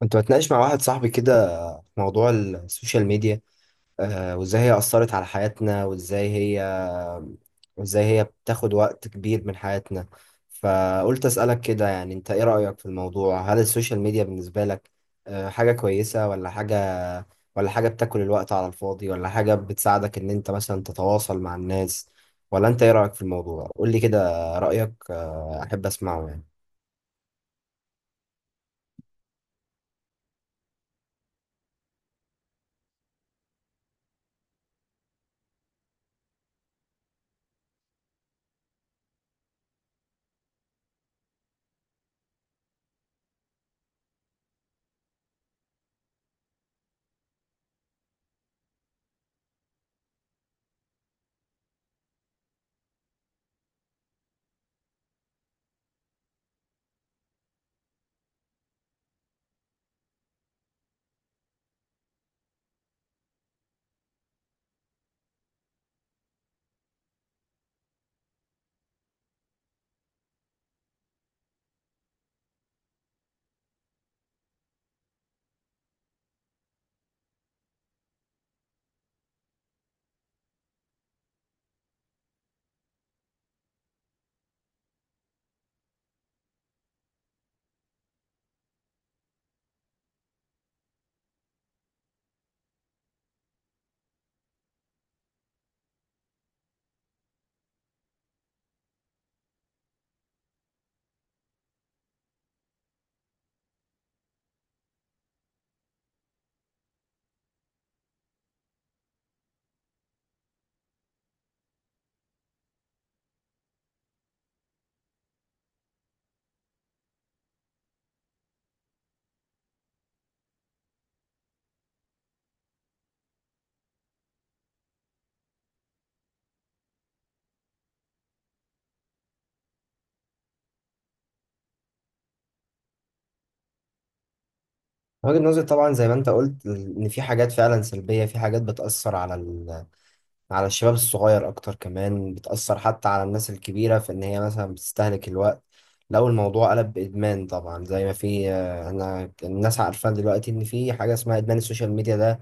كنت بتناقش مع واحد صاحبي كده في موضوع السوشيال ميديا، وازاي هي أثرت على حياتنا، وازاي هي بتاخد وقت كبير من حياتنا. فقلت أسألك كده، يعني انت ايه رأيك في الموضوع؟ هل السوشيال ميديا بالنسبة لك حاجة كويسة؟ ولا حاجة بتاكل الوقت على الفاضي؟ ولا حاجة بتساعدك ان انت مثلا تتواصل مع الناس؟ ولا انت ايه رأيك في الموضوع؟ قول لي كده رأيك، احب اسمعه يعني. وجهة نظري طبعا زي ما انت قلت، ان في حاجات فعلا سلبية، في حاجات بتأثر على على الشباب الصغير اكتر، كمان بتأثر حتى على الناس الكبيرة في ان هي مثلا بتستهلك الوقت. لو الموضوع قلب بإدمان، طبعا زي ما في، انا الناس عارفة دلوقتي ان في حاجة اسمها إدمان السوشيال ميديا ده.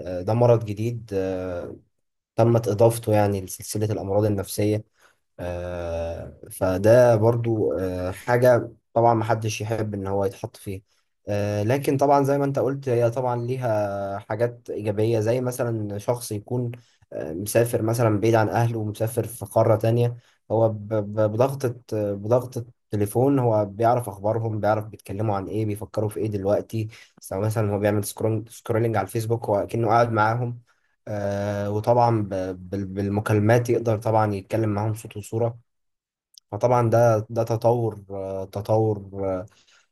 ده مرض جديد، تمت إضافته يعني لسلسلة الأمراض النفسية. فده برضو حاجة طبعا محدش يحب ان هو يتحط فيه. لكن طبعا زي ما انت قلت، هي طبعا ليها حاجات ايجابية، زي مثلا شخص يكون مسافر مثلا بعيد عن اهله ومسافر في قارة تانية. هو بضغطة بضغطة تليفون هو بيعرف اخبارهم، بيعرف بيتكلموا عن ايه، بيفكروا في ايه دلوقتي، سواء مثلا هو بيعمل سكرولينج سكرولينج على الفيسبوك، هو كأنه قاعد معاهم. وطبعا بالمكالمات يقدر طبعا يتكلم معاهم صوت وصورة. فطبعا ده تطور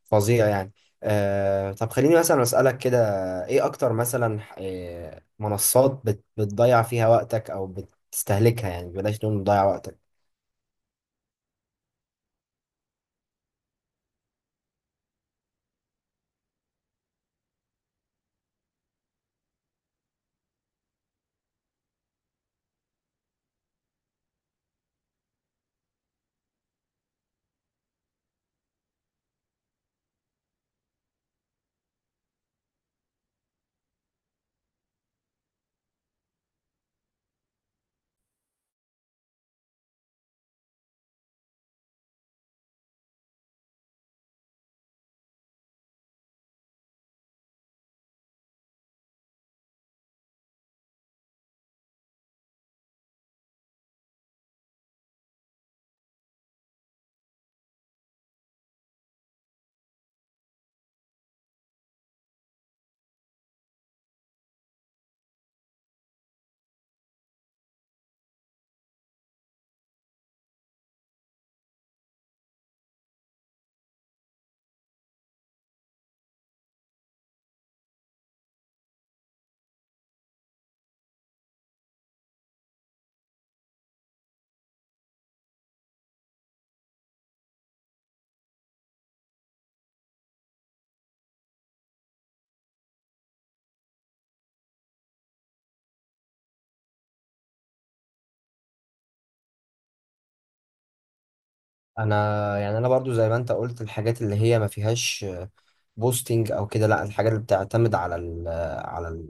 فظيع يعني. طب خليني مثلا أسألك كده، ايه اكتر مثلا منصات بتضيع فيها وقتك او بتستهلكها، يعني بلاش نقول بتضيع وقتك. انا يعني برضو زي ما انت قلت، الحاجات اللي هي ما فيهاش بوستنج او كده، لا، الحاجات اللي بتعتمد على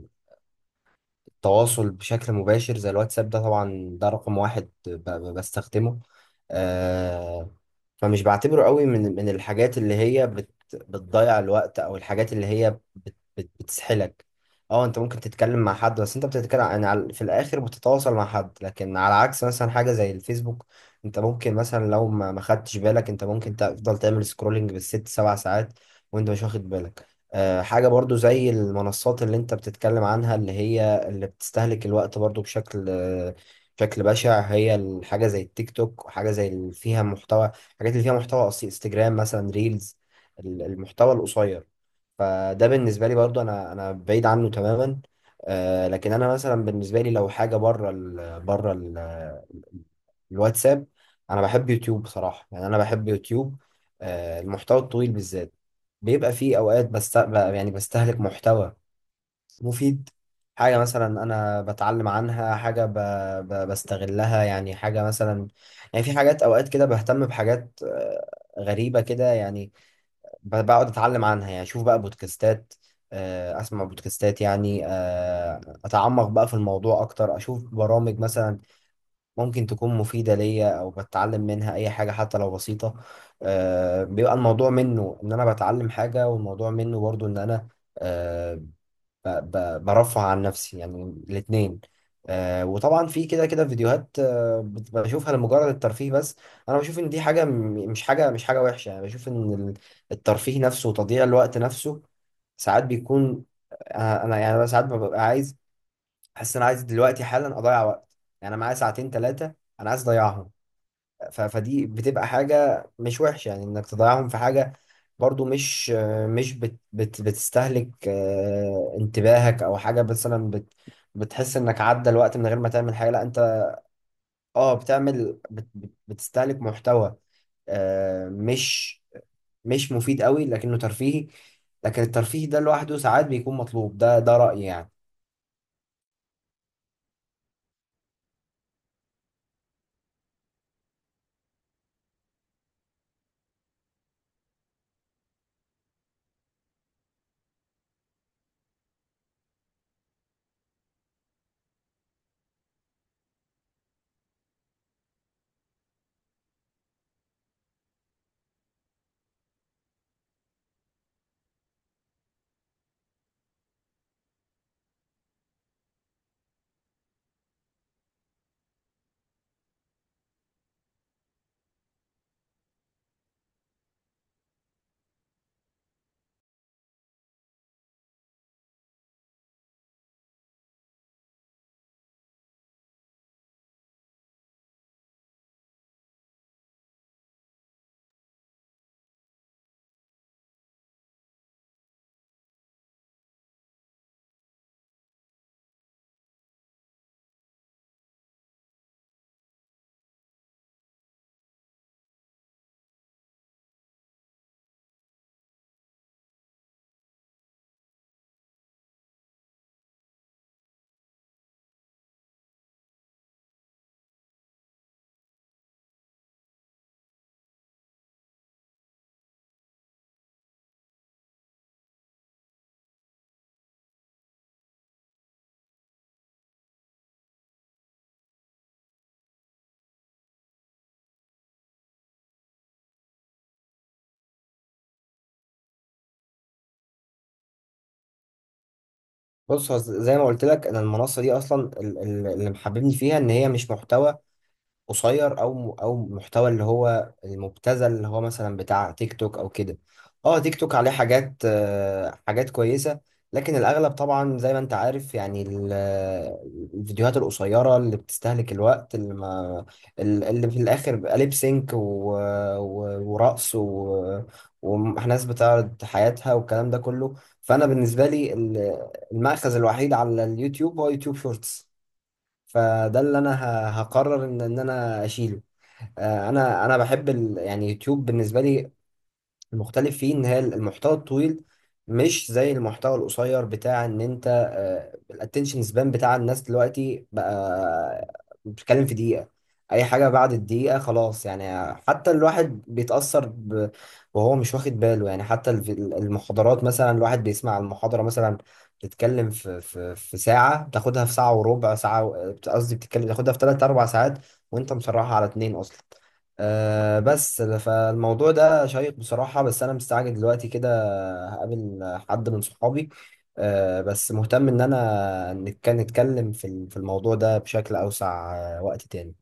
التواصل بشكل مباشر زي الواتساب، ده طبعا ده رقم 1 بستخدمه. آه، فمش بعتبره قوي من الحاجات اللي هي بتضيع الوقت، او الحاجات اللي هي بت بت بتسحلك. اه، انت ممكن تتكلم مع حد، بس انت بتتكلم يعني في الاخر بتتواصل مع حد، لكن على عكس مثلا حاجة زي الفيسبوك، انت ممكن مثلا لو ما خدتش بالك، انت ممكن تفضل تعمل سكرولنج بالست سبع ساعات وانت مش واخد بالك. أه، حاجة برضو زي المنصات اللي انت بتتكلم عنها، اللي هي اللي بتستهلك الوقت برضو، بشكل بشكل بشع، هي الحاجة زي التيك توك، وحاجة زي اللي فيها محتوى، الحاجات اللي فيها محتوى قصير، انستجرام مثلا ريلز، المحتوى القصير. فده بالنسبه لي برضو، انا بعيد عنه تماما. آه، لكن انا مثلا بالنسبه لي لو حاجه بره الواتساب، انا بحب يوتيوب بصراحه، يعني انا بحب يوتيوب. آه، المحتوى الطويل بالذات، بيبقى فيه اوقات بست، يعني بستهلك محتوى مفيد، حاجة مثلا أنا بتعلم عنها، حاجة بستغلها، يعني حاجة مثلا، يعني في حاجات أوقات كده بهتم بحاجات غريبة كده يعني، بقعد أتعلم عنها، يعني أشوف بقى بودكاستات، أسمع بودكاستات يعني، أتعمق بقى في الموضوع أكتر، أشوف برامج مثلا ممكن تكون مفيدة ليا أو بتعلم منها أي حاجة حتى لو بسيطة. بيبقى الموضوع منه إن أنا بتعلم حاجة، والموضوع منه برضو إن أنا آه، برفع عن نفسي يعني، الاثنين. آه، وطبعا في كده فيديوهات، بشوفها لمجرد الترفيه بس. انا بشوف ان دي حاجه مش حاجه وحشه، يعني بشوف ان الترفيه نفسه وتضييع الوقت نفسه ساعات بيكون، آه انا يعني أنا ساعات ببقى عايز، احس ان انا عايز دلوقتي حالا اضيع وقت، يعني انا معايا ساعتين 3، انا عايز اضيعهم. فدي بتبقى حاجة مش وحشة، يعني انك تضيعهم في حاجة برضو مش، مش بت بت بتستهلك انتباهك، او حاجة مثلا بتحس انك عدى الوقت من غير ما تعمل حاجة، لا، انت اه بتعمل، بت بت بتستهلك محتوى آه، مش مش مفيد قوي لكنه ترفيهي. لكن الترفيه ده لوحده ساعات بيكون مطلوب، ده رأيي يعني. بص، هو زي ما قلت لك انا، المنصة دي اصلا اللي محببني فيها ان هي مش محتوى قصير او محتوى، اللي هو المبتذل، اللي هو مثلا بتاع تيك توك او كده. اه، تيك توك عليه حاجات حاجات كويسه، لكن الاغلب طبعا زي ما انت عارف يعني، الفيديوهات القصيره اللي بتستهلك الوقت، اللي ما اللي في الاخر بيبقى ليب سينك ورقص وناس بتعرض حياتها والكلام ده كله. فانا بالنسبه لي المأخذ الوحيد على اليوتيوب هو يوتيوب شورتس، فده اللي انا هقرر ان انا اشيله. آه، انا بحب يعني يوتيوب بالنسبه لي، المختلف فيه ان هي المحتوى الطويل، مش زي المحتوى القصير بتاع ان انت، الاتنشن سبان بتاع الناس دلوقتي بقى بتتكلم في دقيقة، اي حاجة بعد الدقيقة خلاص يعني، حتى الواحد بيتأثر وهو مش واخد باله، يعني حتى المحاضرات مثلا، الواحد بيسمع المحاضرة مثلا بتتكلم في ساعة، بتاخدها في ساعة وربع ساعة، قصدي بتتكلم بتاخدها في 3 4 ساعات وأنت مسرحها على 2 أصلا. آه، بس فالموضوع ده شيق بصراحة، بس أنا مستعجل دلوقتي كده، هقابل حد من صحابي، آه، بس مهتم إن أنا نتكلم في في الموضوع ده بشكل أوسع وقت تاني.